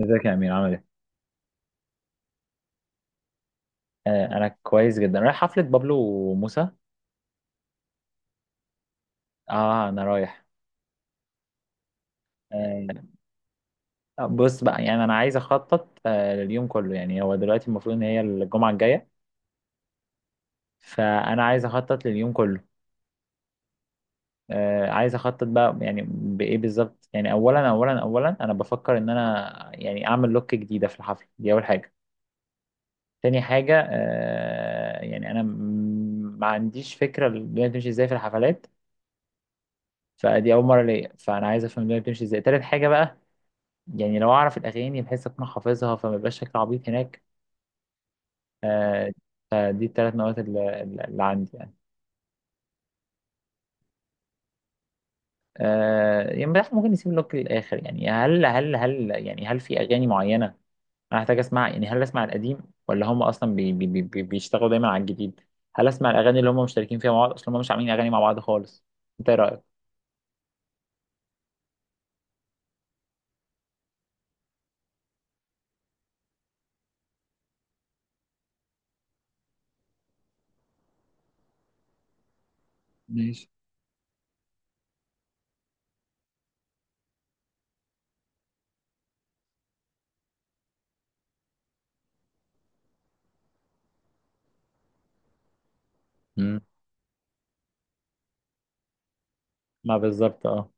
ازيك يا امير، عامل ايه؟ انا كويس جدا، رايح حفلة بابلو وموسى. اه، انا رايح. آه بص بقى، يعني انا عايز اخطط لليوم كله. يعني هو دلوقتي المفروض ان هي الجمعة الجاية، فانا عايز اخطط لليوم كله. عايز اخطط بقى، يعني بايه بالظبط؟ يعني اولا انا بفكر ان انا يعني اعمل لوك جديدة في الحفلة دي، اول حاجة. تاني حاجة، يعني انا ما عنديش فكرة الدنيا بتمشي ازاي في الحفلات، فدي اول مرة ليا، فانا عايز افهم الدنيا بتمشي ازاي. تالت حاجة بقى، يعني لو اعرف الاغاني بحيث اكون حافظها فما يبقاش شكل عبيط هناك. آه فدي الثلاث نوات اللي عندي يعني. يعني بحس ممكن نسيب اللوك للاخر. يعني هل في اغاني معينه انا هحتاج اسمع؟ يعني هل اسمع القديم، ولا هم اصلا بيشتغلوا دايما على الجديد؟ هل اسمع الاغاني اللي هم مشتركين فيها مع بعض؟ اصلا هم مش عاملين اغاني مع بعض خالص. انت ايه رايك؟ ماشي. مم. ما بالظبط، اه.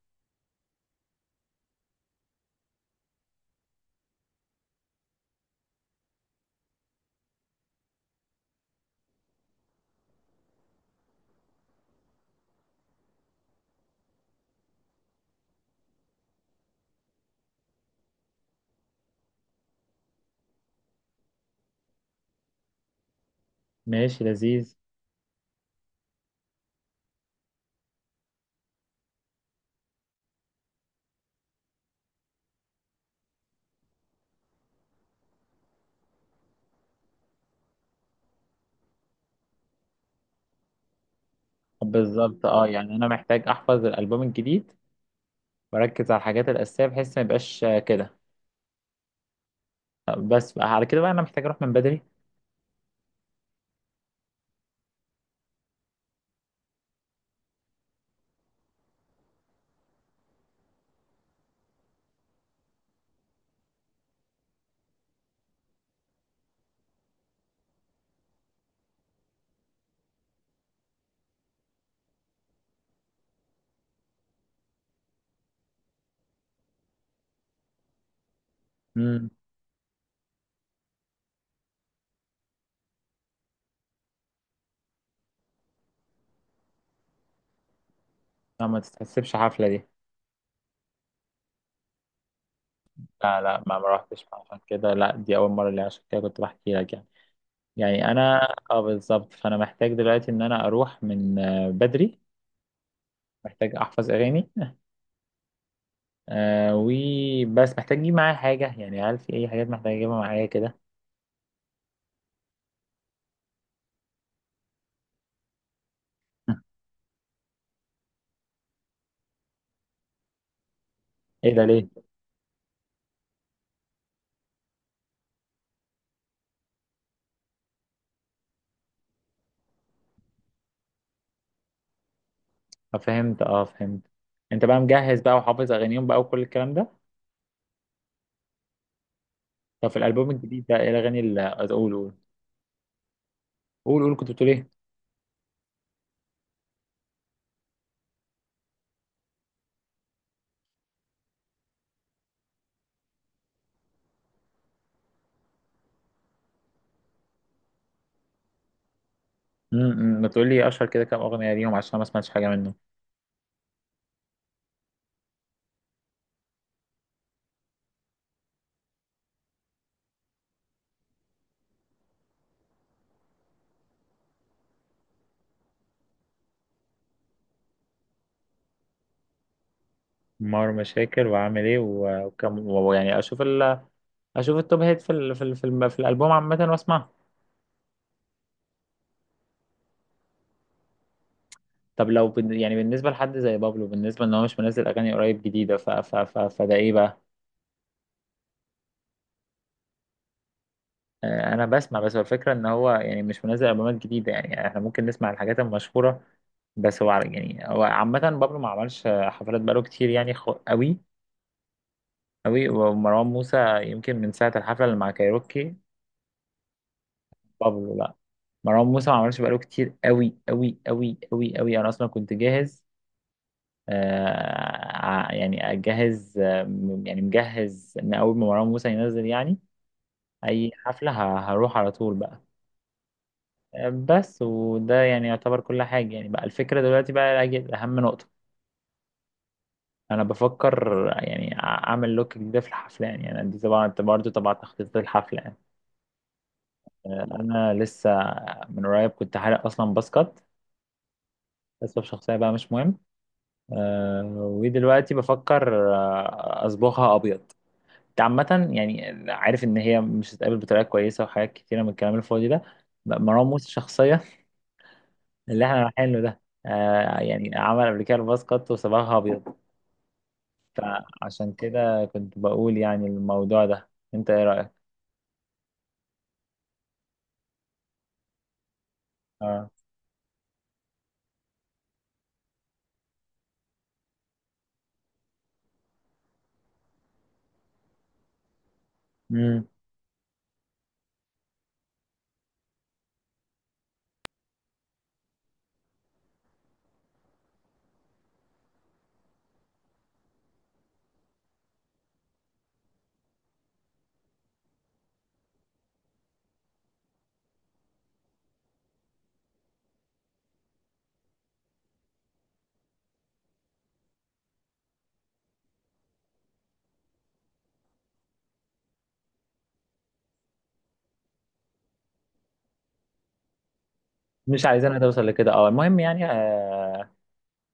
ماشي، لذيذ. بالظبط، اه، يعني انا محتاج احفظ الالبوم الجديد واركز على الحاجات الاساسيه بحيث ما يبقاش كده. بس بقى، على كده بقى انا محتاج اروح من بدري. امم. لا، ما تتحسبش حفله دي. لا لا، ما روحتش بقى عشان كده، لا دي اول مره، اللي عشان كده كنت بحكي لك يعني. يعني انا، اه، بالظبط، فانا محتاج دلوقتي ان انا اروح من بدري. محتاج احفظ اغاني. وبس، محتاج اجيب معايا حاجه. يعني هل في اي حاجات محتاج اجيبها معايا كده؟ ايه ده؟ ليه؟ فهمت. انت بقى مجهز بقى وحافظ اغانيهم بقى وكل الكلام ده. طب في الالبوم الجديد ده، ايه الاغاني اللي؟ قول قول. قول قول، كنت بتقول ايه؟ ما تقولي اشهر كده كام اغنيه ليهم، عشان ما سمعتش حاجه منه. مار مشاكل، وعامل ايه وكم، ويعني اشوف اشوف التوب هيت في ال في ال في, الم- في الالبوم عامه واسمعها. طب لو يعني بالنسبه لحد زي بابلو، بالنسبه ان هو مش منزل اغاني قريب جديده، ف ف ف فده ايه بقى؟ انا بسمع. بس هو الفكره ان هو يعني مش منزل البومات جديده، يعني احنا ممكن نسمع الحاجات المشهوره بس. هو يعني هو عامه بابلو ما عملش حفلات بقاله كتير يعني، قوي قوي. ومروان موسى يمكن من ساعه الحفله اللي مع كايروكي. بابلو لا. مروان موسى ما عملش بقاله كتير قوي قوي قوي قوي قوي. انا اصلا كنت جاهز. يعني اجهز. يعني مجهز ان اول ما مروان موسى ينزل يعني اي حفله هروح على طول بقى. بس. وده يعني يعتبر كل حاجه يعني. بقى الفكره دلوقتي بقى، اهم نقطه، انا بفكر يعني اعمل لوك جديده في الحفله. يعني انا دي طبعا انت برضه طبعا تخطيط الحفله يعني. انا لسه من قريب كنت حالق اصلا باسكت، اسباب شخصيه بقى مش مهم. ودلوقتي بفكر اصبغها ابيض. انت عامة يعني عارف ان هي مش هتتقابل بطريقة كويسة، وحاجات كتيرة من الكلام الفاضي ده. مروان موسى شخصيا اللي احنا رايحين له ده يعني عمل قبل كده الباص كات وصبغها ابيض. فعشان كده كنت بقول يعني الموضوع ده. انت ايه رأيك؟ اه. مم. مش عايزينها توصل لكده، اه. المهم يعني،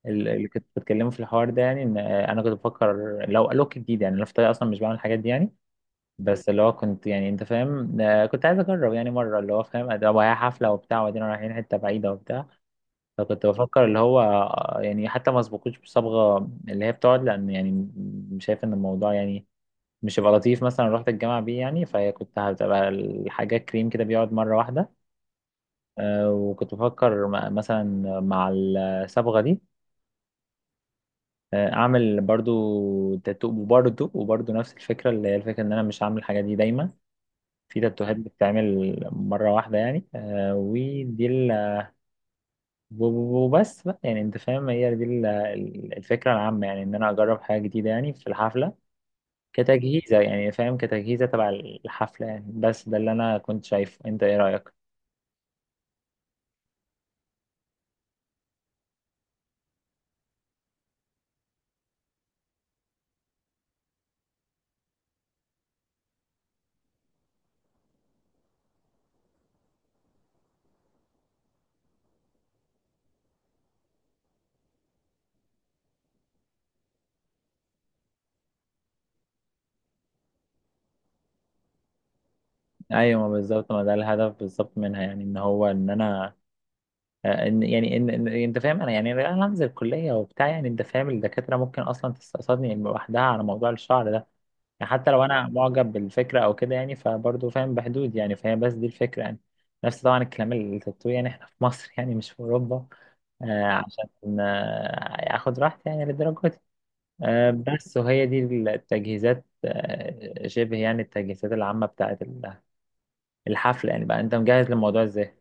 اللي كنت بتكلمه في الحوار ده، يعني ان انا كنت بفكر لو لوك جديد، يعني انا في الطريق اصلا مش بعمل الحاجات دي يعني. بس اللي هو، كنت يعني، انت فاهم، كنت عايز اجرب يعني مره، اللي هو فاهم ده هي حفله وبتاع، وبعدين رايحين حته بعيده وبتاع. فكنت بفكر اللي هو يعني حتى ما اسبقوش بصبغه اللي هي بتقعد. لان يعني شايف ان الموضوع يعني مش هيبقى لطيف، مثلا رحت الجامعه بيه يعني، فهي كنت هتبقى الحاجه كريم كده، بيقعد مره واحده. وكنت بفكر مثلا مع الصبغه دي اعمل برضو تاتو، وبرضو نفس الفكره، اللي هي الفكره ان انا مش هعمل الحاجه دي دايما. في تاتوهات بتتعمل مرة واحدة يعني ودي وبس بقى يعني. انت فاهم هي دي الفكرة العامة، يعني ان انا اجرب حاجة جديدة يعني في الحفلة، كتجهيزة يعني، فاهم، كتجهيزة تبع الحفلة يعني. بس ده اللي انا كنت شايفه. انت ايه رأيك؟ ايوه، ما بالظبط. ما ده الهدف بالظبط منها، يعني ان هو ان انا، ان يعني، ان انت فاهم، انا يعني انا هنزل كلية وبتاع، يعني انت فاهم الدكاترة ممكن اصلا تستقصدني لوحدها على موضوع الشعر ده، يعني حتى لو انا معجب بالفكره او كده يعني، فبرضه فاهم بحدود يعني. فهي بس دي الفكره يعني. نفس طبعا الكلام التاتو، يعني احنا في مصر يعني مش في اوروبا. عشان اخد راحتي يعني للدرجه دي. بس. وهي دي التجهيزات شبه يعني التجهيزات العامه بتاعت الحفل يعني. بقى انت مجهز للموضوع ازاي؟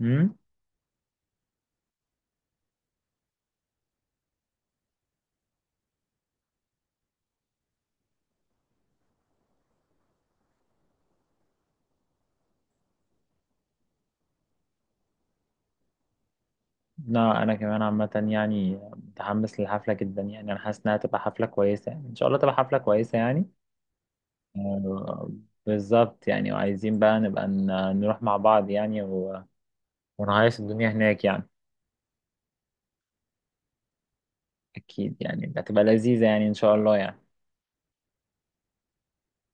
امم. لا، انا كمان عامه يعني متحمس للحفله جدا، يعني انا حاسس انها تبقى حفله كويسه يعني، ان شاء الله تبقى حفله كويسه يعني. آه، بالظبط يعني. وعايزين بقى نبقى نروح مع بعض يعني ونعيش الدنيا هناك يعني. أكيد يعني هتبقى لذيذة يعني، إن شاء الله يعني.